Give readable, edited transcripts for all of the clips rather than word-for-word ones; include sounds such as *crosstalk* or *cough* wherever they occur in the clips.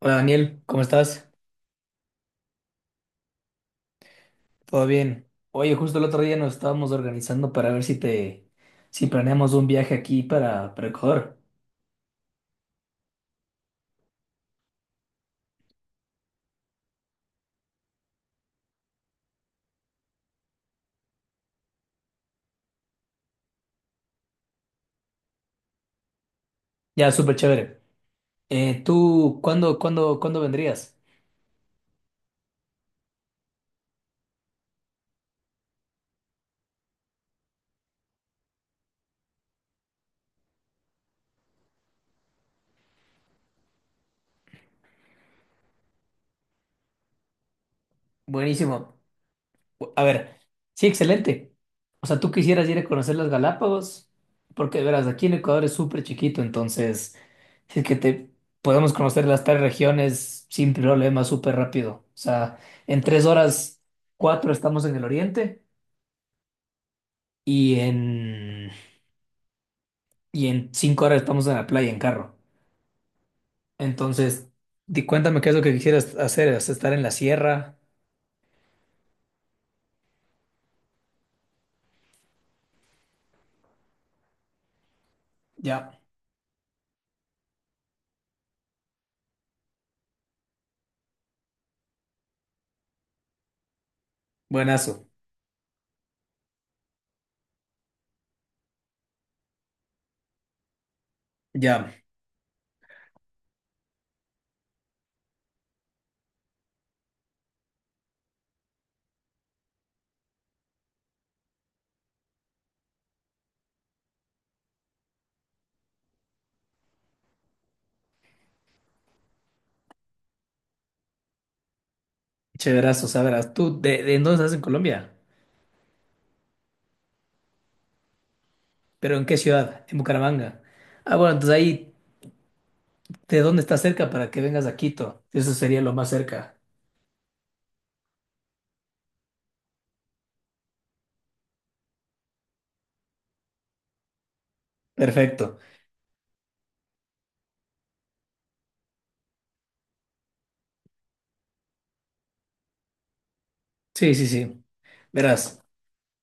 Hola Daniel, ¿cómo estás? ¿Todo bien? Oye, justo el otro día nos estábamos organizando para ver si planeamos un viaje aquí para Ecuador. Ya, súper chévere. ¿Tú cuándo vendrías? Buenísimo. A ver, sí, excelente. O sea, tú quisieras ir a conocer las Galápagos, porque verás, aquí en Ecuador es súper chiquito, entonces, si es que te podemos conocer las tres regiones sin problema, súper rápido. O sea, en 3 horas, cuatro estamos en el oriente. y en, y en 5 horas estamos en la playa en carro. Entonces, di, cuéntame qué es lo que quisieras hacer, ¿es estar en la sierra? Ya, buenazo, ya, chéverazo, sabrás. ¿Tú de en dónde estás en Colombia? ¿Pero en qué ciudad? En Bucaramanga. Ah, bueno, entonces ahí, ¿de dónde estás cerca para que vengas a Quito? Eso sería lo más cerca. Perfecto. Sí, sí, sí. Verás.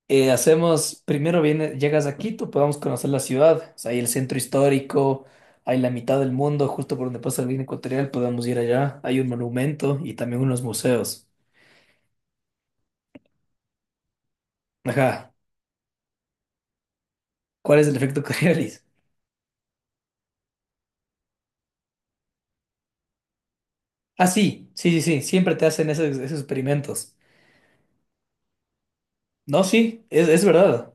Hacemos, primero viene, llegas a Quito, podemos conocer la ciudad, o sea, hay el centro histórico, hay la mitad del mundo, justo por donde pasa la línea ecuatorial, podemos ir allá, hay un monumento y también unos museos. Ajá, ¿cuál es el efecto *laughs* Coriolis? Ah, sí, sí, sí, sí, siempre te hacen esos experimentos. No, sí, es verdad.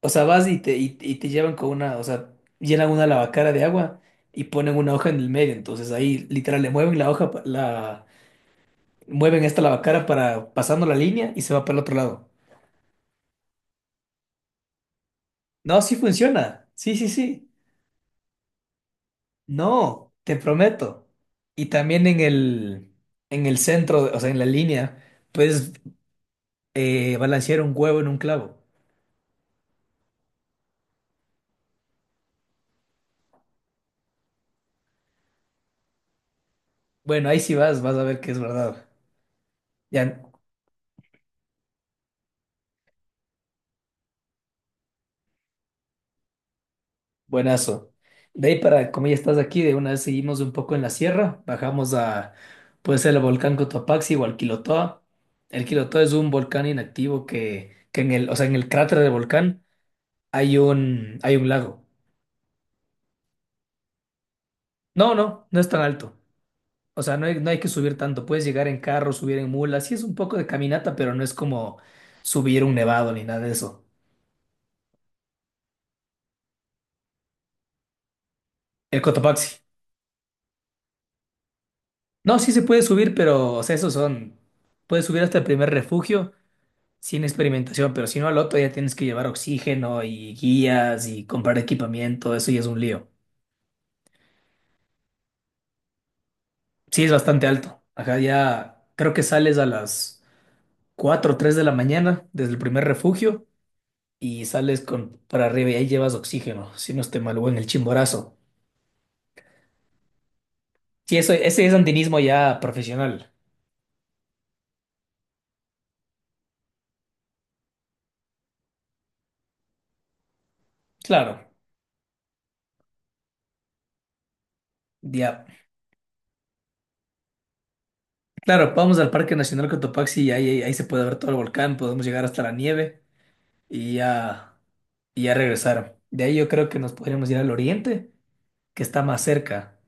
O sea, vas y te llevan con una, o sea, llenan una lavacara de agua y ponen una hoja en el medio, entonces ahí literal le mueven la hoja, la mueven esta lavacara para pasando la línea y se va para el otro lado. No, sí funciona. Sí, sí, sí. No, te prometo. Y también en el centro, o sea, en la línea, puedes balancear un huevo en un clavo. Bueno, ahí sí vas a ver que es verdad. Ya, buenazo. De ahí para, como ya estás aquí, de una vez seguimos un poco en la sierra, bajamos a, puede ser el volcán Cotopaxi o al Quilotoa. El Quilotoa es un volcán inactivo que en el, o sea, en el cráter del volcán hay un lago. No, no, no es tan alto. O sea, no hay que subir tanto. Puedes llegar en carro, subir en mula. Sí es un poco de caminata, pero no es como subir un nevado ni nada de eso. El Cotopaxi. No, sí se puede subir, pero, o sea, esos son. Puedes subir hasta el primer refugio sin experimentación, pero si no al otro ya tienes que llevar oxígeno y guías y comprar equipamiento. Eso ya es un lío. Sí es bastante alto. Acá ya creo que sales a las 4 o 3 de la mañana desde el primer refugio y sales con para arriba y ahí llevas oxígeno, si no esté mal, o en el Chimborazo. Sí, eso, ese es andinismo ya profesional. Claro, ya. Claro, vamos al Parque Nacional Cotopaxi y ahí se puede ver todo el volcán, podemos llegar hasta la nieve y ya, y ya regresar. De ahí yo creo que nos podríamos ir al oriente, que está más cerca.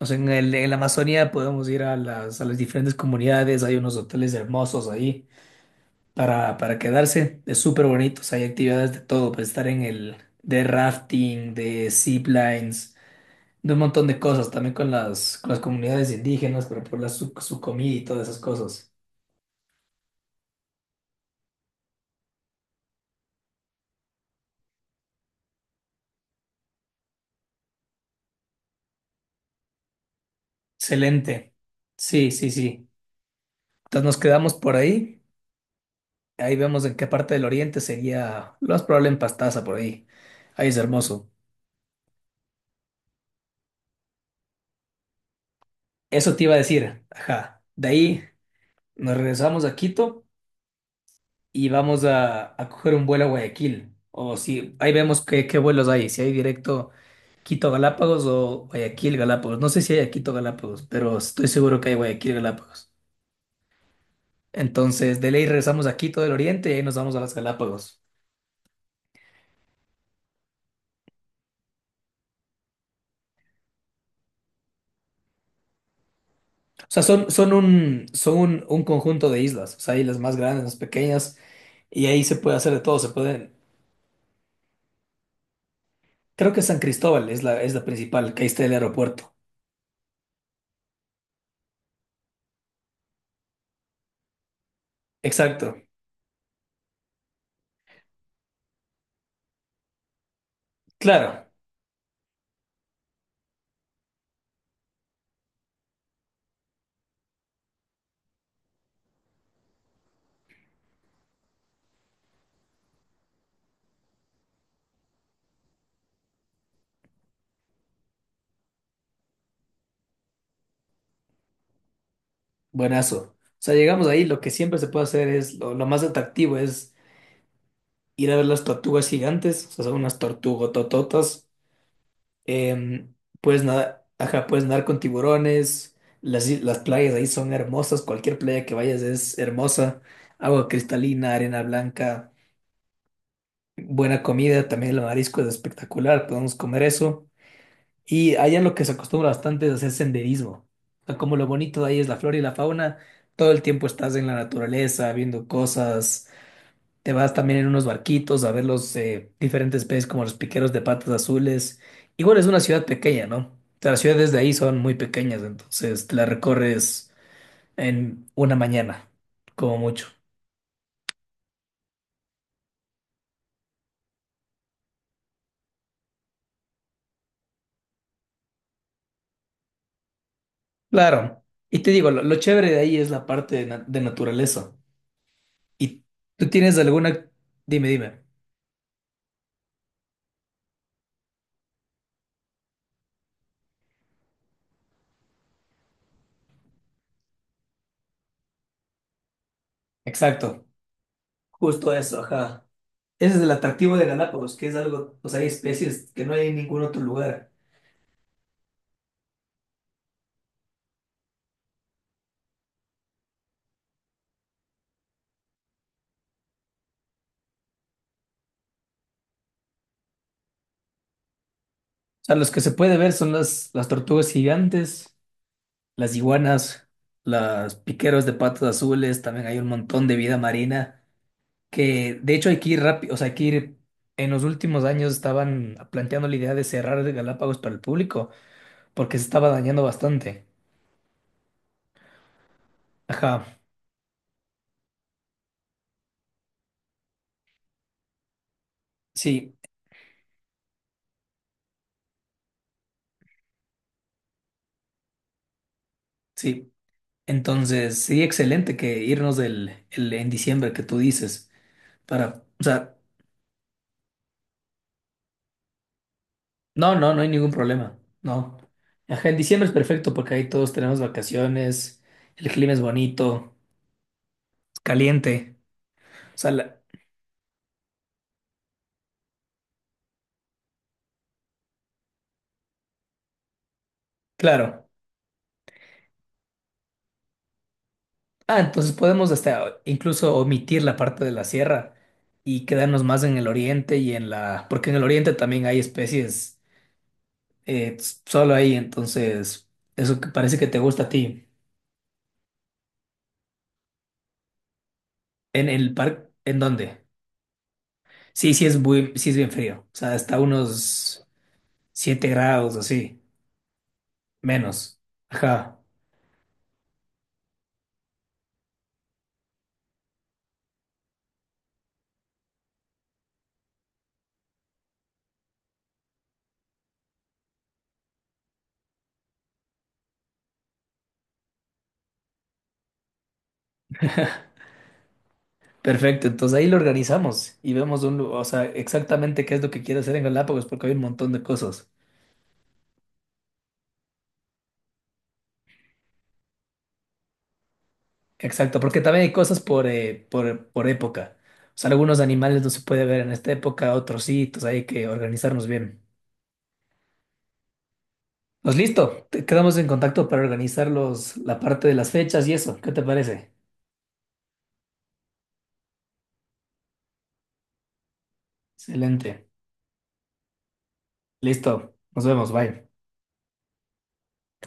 O sea, en la Amazonía podemos ir a las diferentes comunidades, hay unos hoteles hermosos ahí para quedarse. Es súper bonito. O sea, hay actividades de todo, para estar en el de rafting, de ziplines, de un montón de cosas, también con las comunidades indígenas, pero su comida y todas esas cosas. Excelente. Sí, sí, sí. Entonces nos quedamos por ahí. Ahí vemos en qué parte del oriente sería lo más probable en Pastaza, por ahí. Ahí es hermoso. Eso te iba a decir. Ajá. De ahí nos regresamos a Quito y vamos a coger un vuelo a Guayaquil. O si ahí vemos qué vuelos hay, si hay directo Quito Galápagos o Guayaquil Galápagos. No sé si hay a Quito Galápagos, pero estoy seguro que hay Guayaquil Galápagos. Entonces, de ley regresamos a Quito del Oriente y ahí nos vamos a las Galápagos. O sea, son un conjunto de islas. O sea, hay las más grandes, las pequeñas, y ahí se puede hacer de todo. Se pueden. Creo que San Cristóbal es la principal, que ahí está el aeropuerto. Exacto. Claro. Buenazo. O sea, llegamos ahí, lo que siempre se puede hacer lo más atractivo es ir a ver las tortugas gigantes, o sea, son unas tortugotototas. Eh, puedes nadar, ajá, puedes nadar con tiburones, las playas ahí son hermosas, cualquier playa que vayas es hermosa, agua cristalina, arena blanca, buena comida, también el marisco es espectacular, podemos comer eso. Y allá lo que se acostumbra bastante es hacer senderismo. O sea, como lo bonito de ahí es la flora y la fauna, todo el tiempo estás en la naturaleza, viendo cosas. Te vas también en unos barquitos a ver los diferentes peces como los piqueros de patas azules. Igual es una ciudad pequeña, ¿no? O sea, las ciudades de ahí son muy pequeñas, entonces te la recorres en una mañana, como mucho. Claro. Y te digo, lo chévere de ahí es la parte de naturaleza. ¿Y tú tienes alguna? Dime, dime. Exacto. Justo eso, ajá. Ese es el atractivo de Galápagos, que es algo, pues hay especies que no hay en ningún otro lugar. O sea, los que se puede ver son las tortugas gigantes, las iguanas, las piqueros de patas azules, también hay un montón de vida marina, que de hecho hay que ir rápido, o sea, hay que ir, en los últimos años estaban planteando la idea de cerrar el Galápagos para el público, porque se estaba dañando bastante. Ajá, sí, sí. Entonces, sí, excelente que irnos en diciembre que tú dices. Para, o sea, no, no, no hay ningún problema. No. Ajá, en diciembre es perfecto porque ahí todos tenemos vacaciones, el clima es bonito, es caliente. O sea, claro. Ah, entonces podemos hasta incluso omitir la parte de la sierra y quedarnos más en el oriente y porque en el oriente también hay especies solo ahí, entonces eso que parece que te gusta a ti. ¿En el parque? ¿En dónde? Sí, sí es bien frío. O sea, hasta unos 7 grados así. Menos. Ajá. Perfecto. Entonces ahí lo organizamos y vemos o sea, exactamente qué es lo que quiere hacer en Galápagos, porque hay un montón de cosas. Exacto, porque también hay cosas por época. O sea, algunos animales no se puede ver en esta época, otros sí, entonces hay que organizarnos bien. Pues listo, quedamos en contacto para organizar la parte de las fechas y eso. ¿Qué te parece? Excelente. Listo, nos vemos, bye.